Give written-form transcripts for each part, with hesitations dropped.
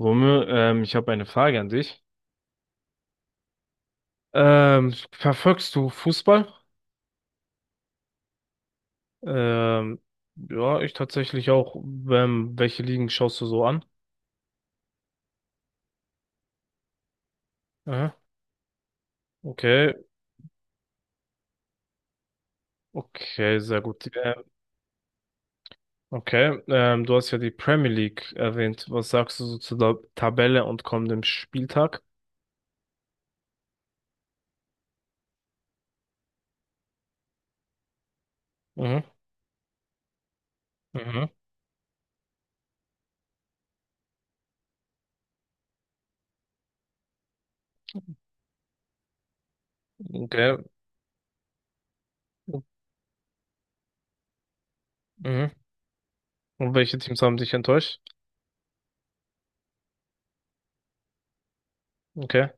Romeo, ich habe eine Frage an dich. Verfolgst du Fußball? Ähm, ja, ich tatsächlich auch. Welche Ligen schaust du so an? Aha, okay, okay, sehr gut. Okay, du hast ja die Premier League erwähnt. Was sagst du so zu der Tabelle und kommendem Spieltag? Mhm, mhm, okay, mhm. Und welche Teams haben dich enttäuscht? Okay,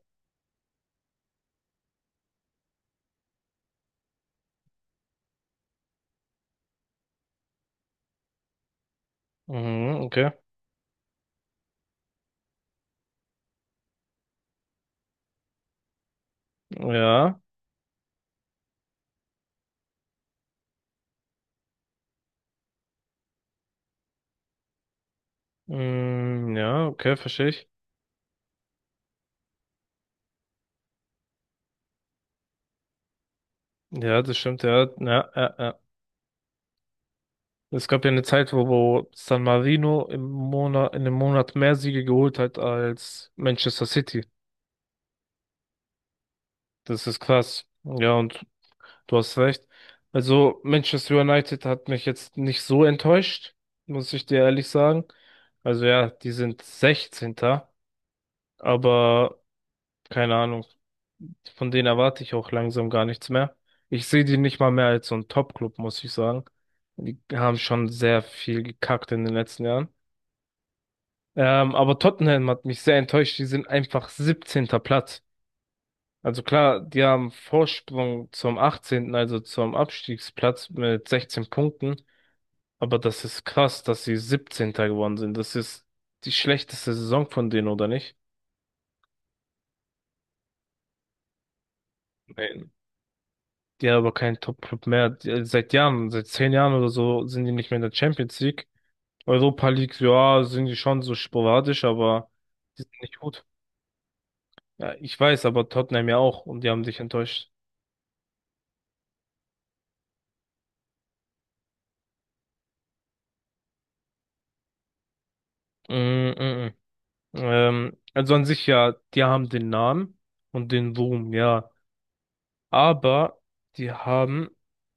mhm, okay, ja, mm, ja, okay, verstehe ich. Ja, das stimmt, ja, ja, ja, ja. Es gab ja eine Zeit, wo San Marino im Monat, in einem Monat mehr Siege geholt hat als Manchester City. Das ist krass. Ja, und du hast recht. Also Manchester United hat mich jetzt nicht so enttäuscht, muss ich dir ehrlich sagen. Also ja, die sind 16. Aber keine Ahnung, von denen erwarte ich auch langsam gar nichts mehr. Ich sehe die nicht mal mehr als so ein Top-Club, muss ich sagen. Die haben schon sehr viel gekackt in den letzten Jahren. Aber Tottenham hat mich sehr enttäuscht. Die sind einfach 17. Platz. Also klar, die haben Vorsprung zum 18., also zum Abstiegsplatz mit 16 Punkten. Aber das ist krass, dass sie 17. geworden sind. Das ist die schlechteste Saison von denen, oder nicht? Nein. Die haben aber keinen Top-Club mehr. Die, seit Jahren, seit 10 Jahren oder so, sind die nicht mehr in der Champions League. Europa League, ja, sind die schon so sporadisch, aber die sind nicht gut. Ja, ich weiß, aber Tottenham ja auch und die haben dich enttäuscht. Mm, mm, mm. Also an sich ja, die haben den Namen und den Ruhm, ja. Aber die haben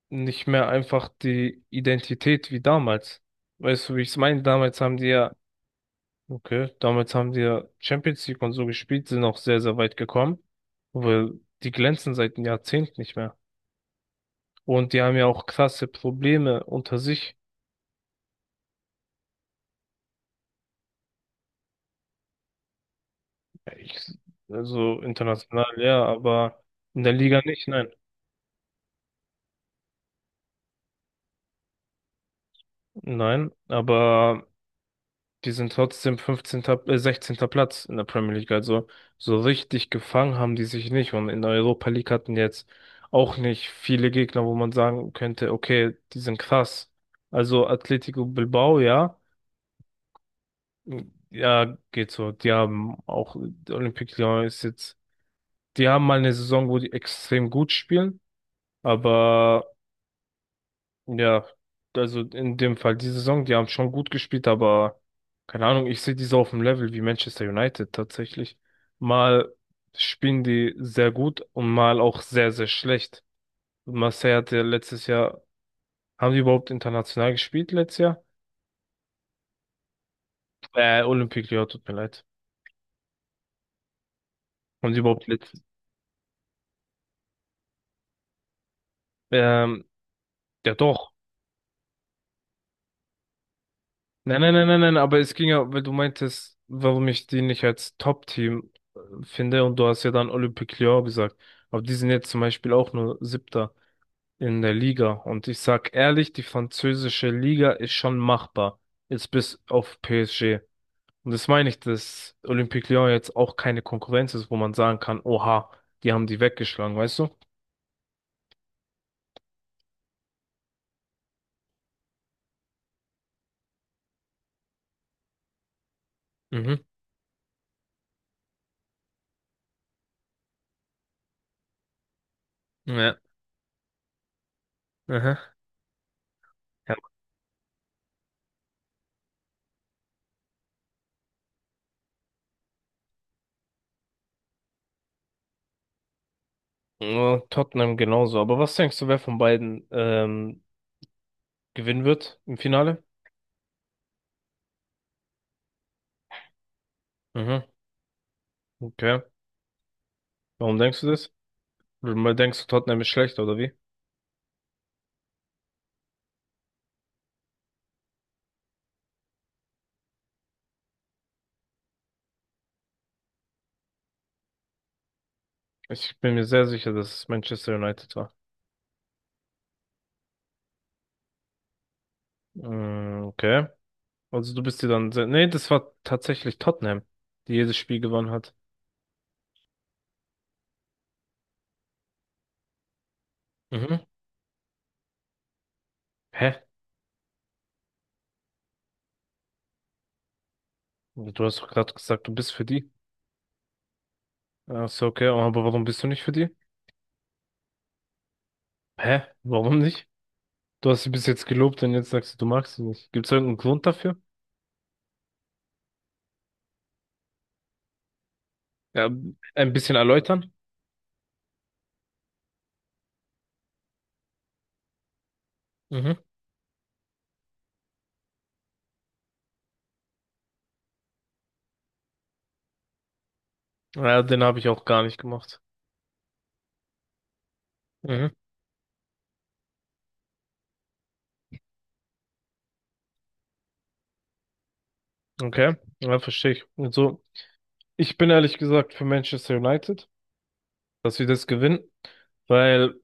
nicht mehr einfach die Identität wie damals. Weißt du, wie ich es meine? Damals haben die ja, okay, damals haben die ja Champions League und so gespielt, sind auch sehr, sehr weit gekommen. Weil die glänzen seit einem Jahrzehnt nicht mehr. Und die haben ja auch krasse Probleme unter sich. Ich, also international, ja, aber in der Liga nicht, nein. Nein, aber die sind trotzdem 15., 16. Platz in der Premier League. Also so richtig gefangen haben die sich nicht. Und in der Europa League hatten jetzt auch nicht viele Gegner, wo man sagen könnte, okay, die sind krass. Also Atletico Bilbao, ja. Ja, geht so. Die haben auch, Olympique Lyon ist jetzt, die haben mal eine Saison, wo die extrem gut spielen. Aber ja, also in dem Fall die Saison, die haben schon gut gespielt, aber keine Ahnung, ich sehe die so auf dem Level wie Manchester United tatsächlich. Mal spielen die sehr gut und mal auch sehr, sehr schlecht. Marseille hat ja letztes Jahr, haben die überhaupt international gespielt letztes Jahr? Olympique Lyon, tut mir leid. Haben die überhaupt letztes, ähm, ja doch. Nein, nein, nein, nein, nein, aber es ging ja, weil du meintest, warum ich die nicht als Top-Team finde und du hast ja dann Olympique Lyon gesagt. Aber die sind jetzt zum Beispiel auch nur Siebter in der Liga. Und ich sag ehrlich, die französische Liga ist schon machbar. Jetzt bis auf PSG. Und das meine ich, dass Olympique Lyon jetzt auch keine Konkurrenz ist, wo man sagen kann, oha, die haben die weggeschlagen, weißt du? Mhm. Ja. Aha. Ja. Ja, Tottenham genauso. Aber was denkst du, wer von beiden gewinnen wird im Finale? Mhm, okay. Warum denkst du das? Weil denkst du, Tottenham ist schlecht, oder wie? Ich bin mir sehr sicher, dass es Manchester United war. Mm, okay. Also du bist dir dann sehr... Nee, das war tatsächlich Tottenham, die jedes Spiel gewonnen hat. Mhm. Hä? Du hast doch gerade gesagt, du bist für die. Ach so, okay. Aber warum bist du nicht für die? Hä? Warum nicht? Du hast sie bis jetzt gelobt und jetzt sagst du, du magst sie nicht. Gibt es irgendeinen Grund dafür? Ja, ein bisschen erläutern? Mhm. Ja, den habe ich auch gar nicht gemacht. Mhm. Okay. Ja, verstehe ich. Und so. Ich bin ehrlich gesagt für Manchester United, dass wir das gewinnen, weil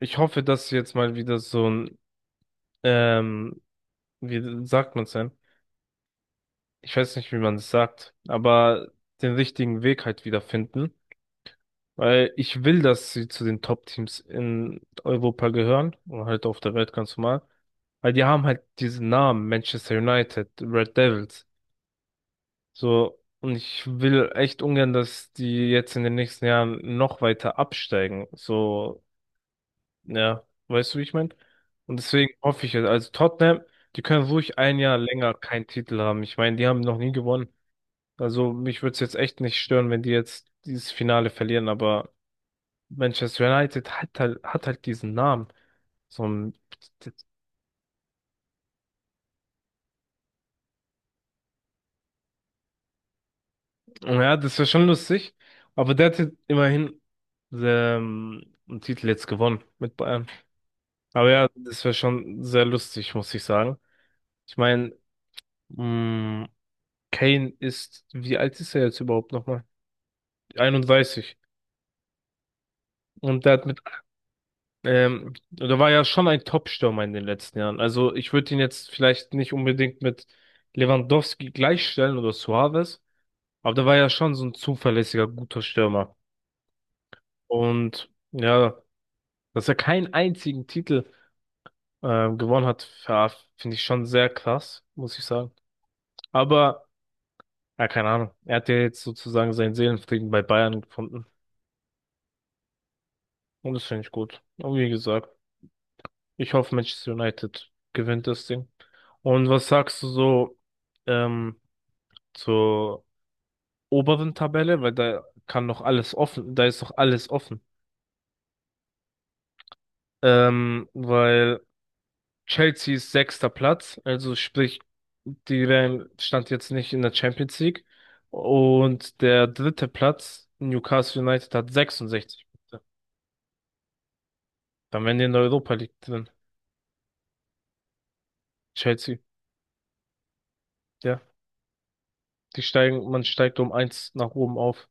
ich hoffe, dass jetzt mal wieder so ein, ähm, wie sagt man's denn? Ich weiß nicht, wie man es sagt, aber den richtigen Weg halt wieder finden, weil ich will, dass sie zu den Top-Teams in Europa gehören und halt auf der Welt ganz normal, weil die haben halt diesen Namen Manchester United, Red Devils, so. Und ich will echt ungern, dass die jetzt in den nächsten Jahren noch weiter absteigen. So, ja, weißt du, wie ich meine? Und deswegen hoffe ich, also Tottenham, die können ruhig ein Jahr länger keinen Titel haben. Ich meine, die haben noch nie gewonnen. Also mich würde es jetzt echt nicht stören, wenn die jetzt dieses Finale verlieren, aber Manchester United hat halt diesen Namen. So ein, ja, das wäre schon lustig, aber der hat jetzt immerhin einen Titel jetzt gewonnen mit Bayern. Aber ja, das wäre schon sehr lustig, muss ich sagen. Ich meine, Kane ist, wie alt ist er jetzt überhaupt nochmal? 31. Und der hat mit, der war ja schon ein Top-Stürmer in den letzten Jahren. Also ich würde ihn jetzt vielleicht nicht unbedingt mit Lewandowski gleichstellen oder Suarez, aber der war ja schon so ein zuverlässiger, guter Stürmer. Und ja, dass er keinen einzigen Titel gewonnen hat, ja, finde ich schon sehr krass, muss ich sagen. Aber, ja, keine Ahnung. Er hat ja jetzt sozusagen seinen Seelenfrieden bei Bayern gefunden. Und das finde ich gut. Und wie gesagt. Ich hoffe, Manchester United gewinnt das Ding. Und was sagst du so ähm, zur oberen Tabelle? Weil da kann noch alles offen, da ist noch alles offen. Weil Chelsea ist sechster Platz, also sprich, die wären, stand jetzt nicht in der Champions League. Und der dritte Platz, Newcastle United, hat 66 Punkte. Dann wären die in der Europa League drin. Chelsea, ja. Die steigen, man steigt um eins nach oben auf.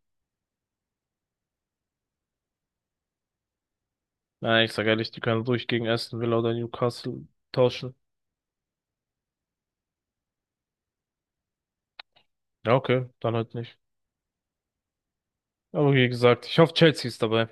Nein, ich sag ehrlich, die können ruhig gegen Aston Villa oder Newcastle tauschen. Ja, okay, dann halt nicht. Aber wie gesagt, ich hoffe, Chelsea ist dabei.